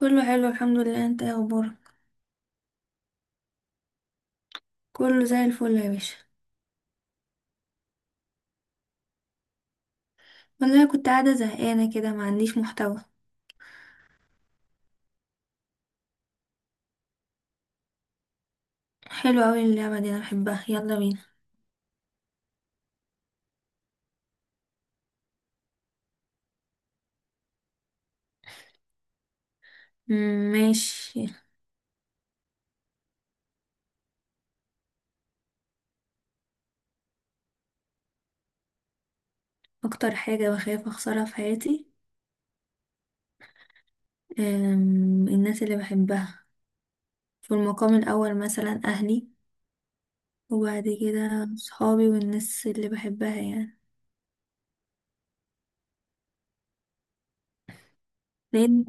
كله حلو، الحمد لله. انت ايه اخبارك؟ كله زي الفل يا باشا. والله كنت قاعده زهقانه كده، ما عنديش محتوى. حلو قوي اللعبه دي، انا بحبها. يلا بينا. مم، ماشي. اكتر حاجه بخاف اخسرها في حياتي، الناس اللي بحبها في المقام الاول، مثلا اهلي، وبعد كده صحابي والناس اللي بحبها يعني. لان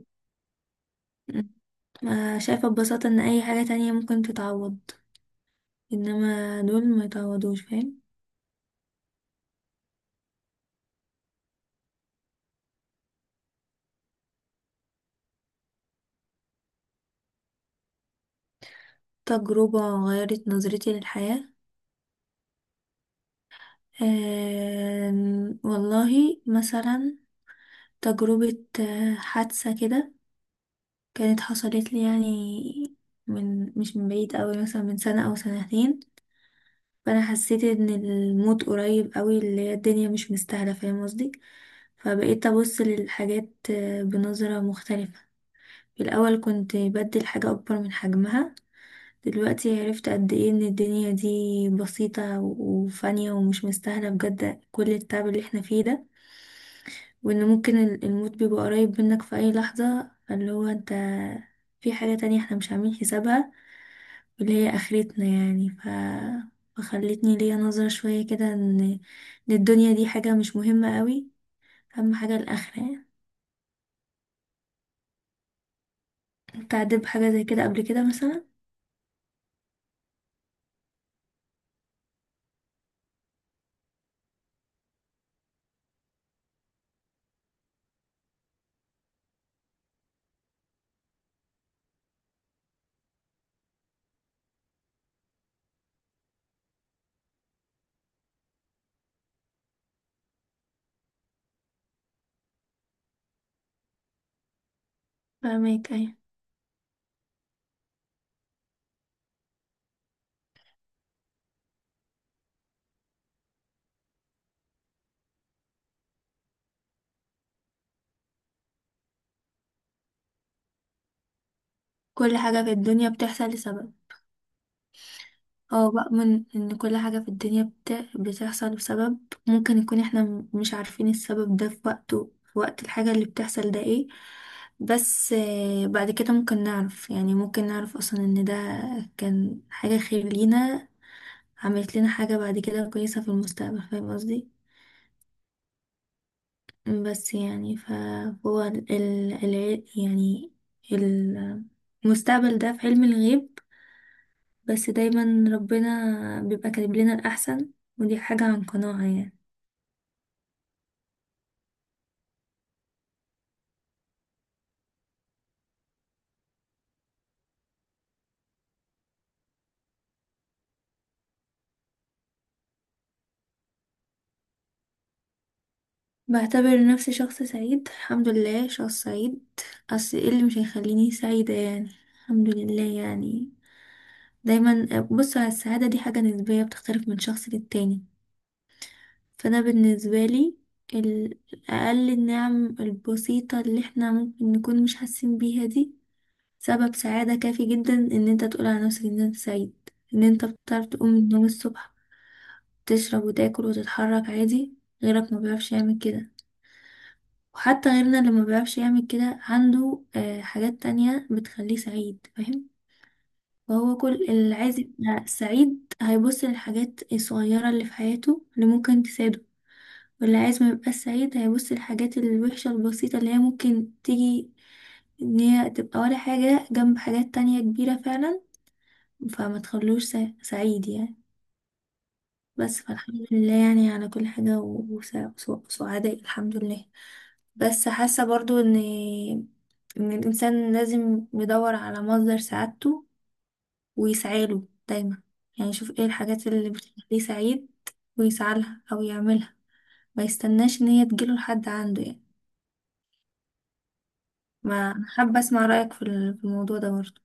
ما شايفه ببساطه ان اي حاجه تانية ممكن تتعوض، انما دول ما يتعوضوش، فاهم؟ تجربة غيرت نظرتي للحياة. والله مثلا تجربة، حادثة كده كانت حصلت لي يعني من مش من بعيد قوي، مثلا من سنة أو سنتين. فأنا حسيت إن الموت قريب قوي، اللي هي الدنيا مش مستاهلة، فاهم قصدي؟ فبقيت أبص للحاجات بنظرة مختلفة. في الأول كنت بدي الحاجة أكبر من حجمها، دلوقتي عرفت قد إيه إن الدنيا دي بسيطة وفانية ومش مستاهلة بجد كل التعب اللي احنا فيه ده. وان ممكن الموت بيبقى قريب منك في اي لحظة، اللي هو انت في حاجة تانية احنا مش عاملين حسابها، واللي هي اخرتنا يعني فخلتني ليا نظرة شوية كده ان الدنيا دي حاجة مش مهمة قوي، اهم حاجة الاخرة يعني. انت عديت بحاجة زي كده قبل كده مثلا؟ فاهمك، ايه. كل حاجة في الدنيا بتحصل لسبب. اه بقى، من ان كل حاجة في الدنيا بتحصل بسبب، ممكن يكون احنا مش عارفين السبب ده في وقته، في وقت الحاجة اللي بتحصل ده ايه، بس بعد كده ممكن نعرف يعني، ممكن نعرف اصلا ان ده كان حاجة خير لينا، عملت لنا حاجة بعد كده كويسة في المستقبل، فاهم قصدي؟ بس يعني فهو يعني المستقبل ده في علم الغيب، بس دايما ربنا بيبقى كاتب لنا الأحسن، ودي حاجة عن قناعة يعني. بعتبر نفسي شخص سعيد، الحمد لله، شخص سعيد. أصل ايه اللي مش هيخليني سعيدة يعني؟ الحمد لله يعني. دايما بص، على السعادة دي حاجة نسبية بتختلف من شخص للتاني. فأنا بالنسبة لي، ال- أقل النعم البسيطة اللي احنا ممكن نكون مش حاسين بيها دي سبب سعادة كافي جدا ان انت تقول على نفسك ان انت سعيد. ان انت بتعرف تقوم من النوم الصبح، تشرب وتاكل وتتحرك عادي، غيرك ما بيعرفش يعمل كده. وحتى غيرنا اللي ما بيعرفش يعمل كده عنده حاجات تانية بتخليه سعيد، فاهم؟ فهو كل اللي عايز يبقى سعيد هيبص للحاجات الصغيرة اللي في حياته اللي ممكن تساعده. واللي عايز ما يبقاش سعيد هيبص للحاجات الوحشة البسيطة اللي هي ممكن تيجي ان هي تبقى ولا حاجة جنب حاجات تانية كبيرة فعلا، فما تخلوش سعيد يعني. بس فالحمد لله يعني على كل حاجة، وسعداء الحمد لله. بس حاسة برضو ان الانسان لازم يدور على مصدر سعادته ويسعاله دايما، يعني يشوف ايه الحاجات اللي بتخليه سعيد ويسعالها او يعملها، ما يستناش ان هي تجيله لحد عنده يعني. ما أنا حابة اسمع رأيك في الموضوع ده برضو،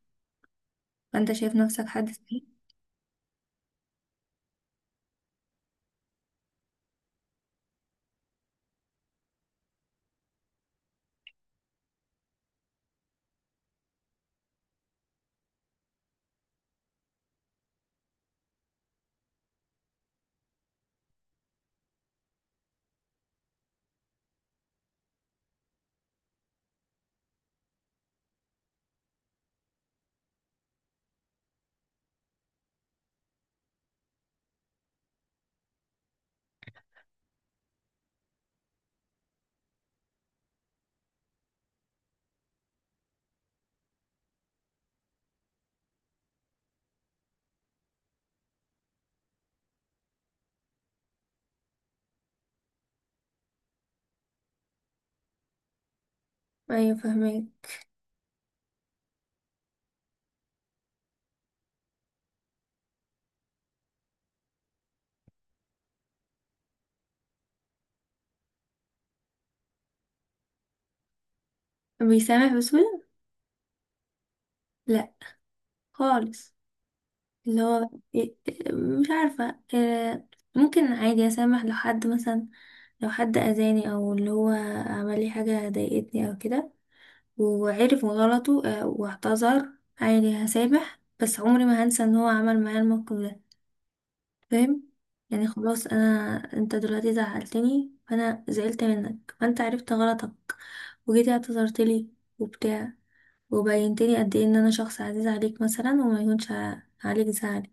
فانت شايف نفسك حد سعيد؟ ايوه، فاهمك. بيسامح بسهولة؟ لا، خالص. اللي هو إيه- مش عارفة، ممكن عادي أسامح لو حد مثلا، لو حد أذاني أو اللي هو عمل لي حاجة ضايقتني أو كده، وعرف غلطه واعتذر، عادي هسامح، بس عمري ما هنسى إن هو عمل معايا الموقف ده، فاهم؟ يعني خلاص أنا، أنت دلوقتي زعلتني فأنا زعلت منك، فأنت عرفت غلطك وجيتي اعتذرت لي وبتاع، وبينتلي قد إيه إن أنا شخص عزيز عليك مثلا وما يكونش عليك زعل،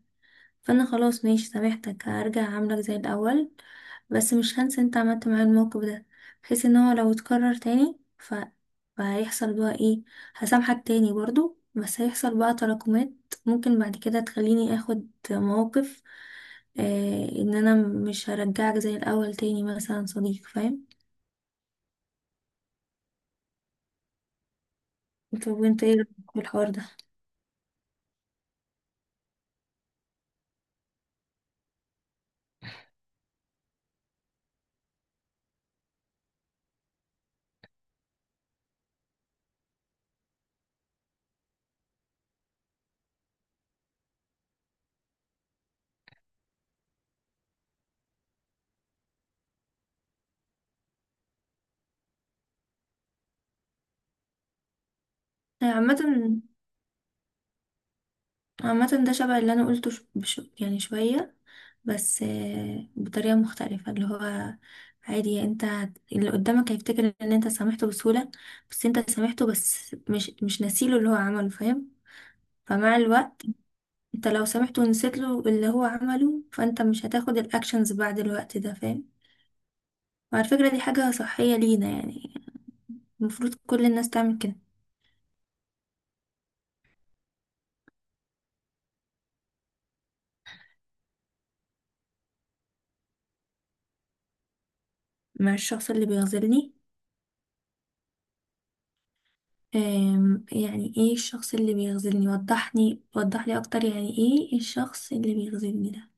فانا خلاص ماشي سامحتك، هرجع اعاملك زي الاول، بس مش هنسى انت عملت معايا الموقف ده، بحيث ان هو لو اتكرر تاني فهيحصل بقى ايه؟ هسامحك تاني برضو، بس هيحصل بقى تراكمات ممكن بعد كده تخليني اخد مواقف، ان انا مش هرجعك زي الاول تاني مثلا صديق، فاهم؟ طب وانت ايه رأيك في الحوار ده؟ عامة، ده شبه اللي انا قلته، يعني شوية، بس بطريقة مختلفة، اللي هو عادي انت، اللي قدامك هيفتكر ان انت سامحته بسهولة، بس انت سامحته، بس مش ناسيله اللي هو عمله، فاهم؟ فمع الوقت انت لو سامحته ونسيت له اللي هو عمله، فانت مش هتاخد الاكشنز بعد الوقت ده، فاهم؟ وعلى فكرة دي حاجة صحية لينا يعني، المفروض كل الناس تعمل كده. مع الشخص اللي بيغزلني؟ يعني ايه الشخص اللي بيخذلني؟ وضحني، وضحلي اكتر، يعني ايه الشخص اللي بيخذلني ده؟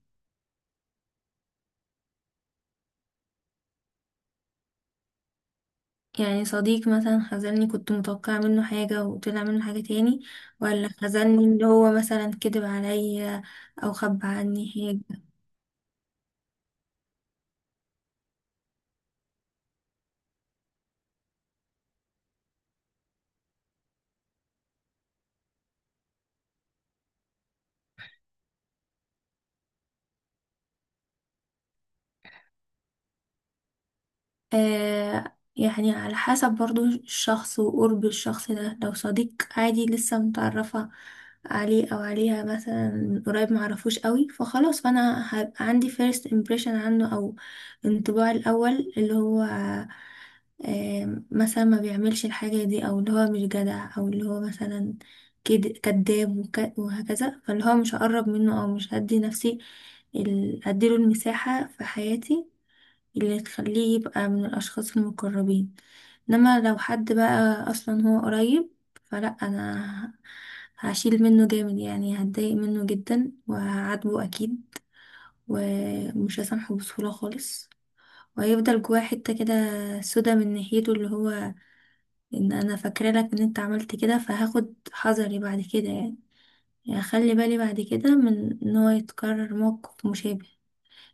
يعني صديق مثلا خذلني، كنت متوقعة منه حاجة وطلع منه حاجة تاني، ولا خذلني اللي هو مثلا كذب عليا او خبى عني. يعني على حسب برضو الشخص وقرب الشخص ده، لو صديق عادي لسه متعرفة عليه أو عليها مثلا من قريب، معرفوش قوي، فخلاص فأنا هبقى عندي first impression عنه أو انطباع الأول، اللي هو مثلا ما بيعملش الحاجة دي أو اللي هو مش جدع أو اللي هو مثلا كداب وهكذا، فاللي هو مش هقرب منه أو مش هدي نفسي، أديله المساحة في حياتي اللي تخليه يبقى من الأشخاص المقربين. إنما لو حد بقى أصلا هو قريب، فلا أنا هشيل منه جامد يعني، هتضايق منه جدا وهعاتبه أكيد، ومش هسامحه بسهولة خالص، وهيفضل جواه حتة كده سودا من ناحيته، اللي هو إن أنا فاكرة لك إن أنت عملت كده، فهاخد حذري بعد كده يعني، يعني أخلي بالي بعد كده من إن هو يتكرر موقف مشابه،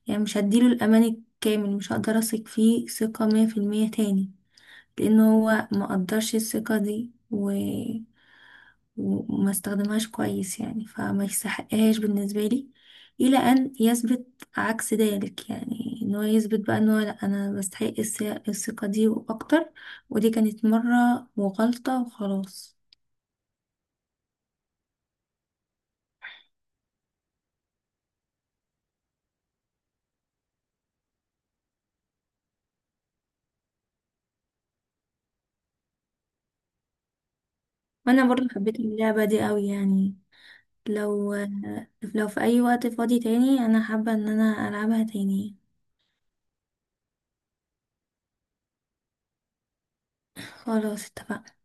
يعني مش هديله الأمان الكامل، مش هقدر أثق فيه ثقة 100% تاني، لان هو ما قدرش الثقة دي وما استخدمهاش كويس يعني، فما يستحقهاش بالنسبة لي الى ان يثبت عكس ذلك، يعني ان هو يثبت بقى ان هو، لا انا بستحق الثقة دي واكتر، ودي كانت مرة وغلطة وخلاص. وانا برضو حبيت اللعبة دي قوي يعني، لو لو في اي وقت فاضي تاني انا حابة ان انا العبها تاني. خلاص اتفقنا.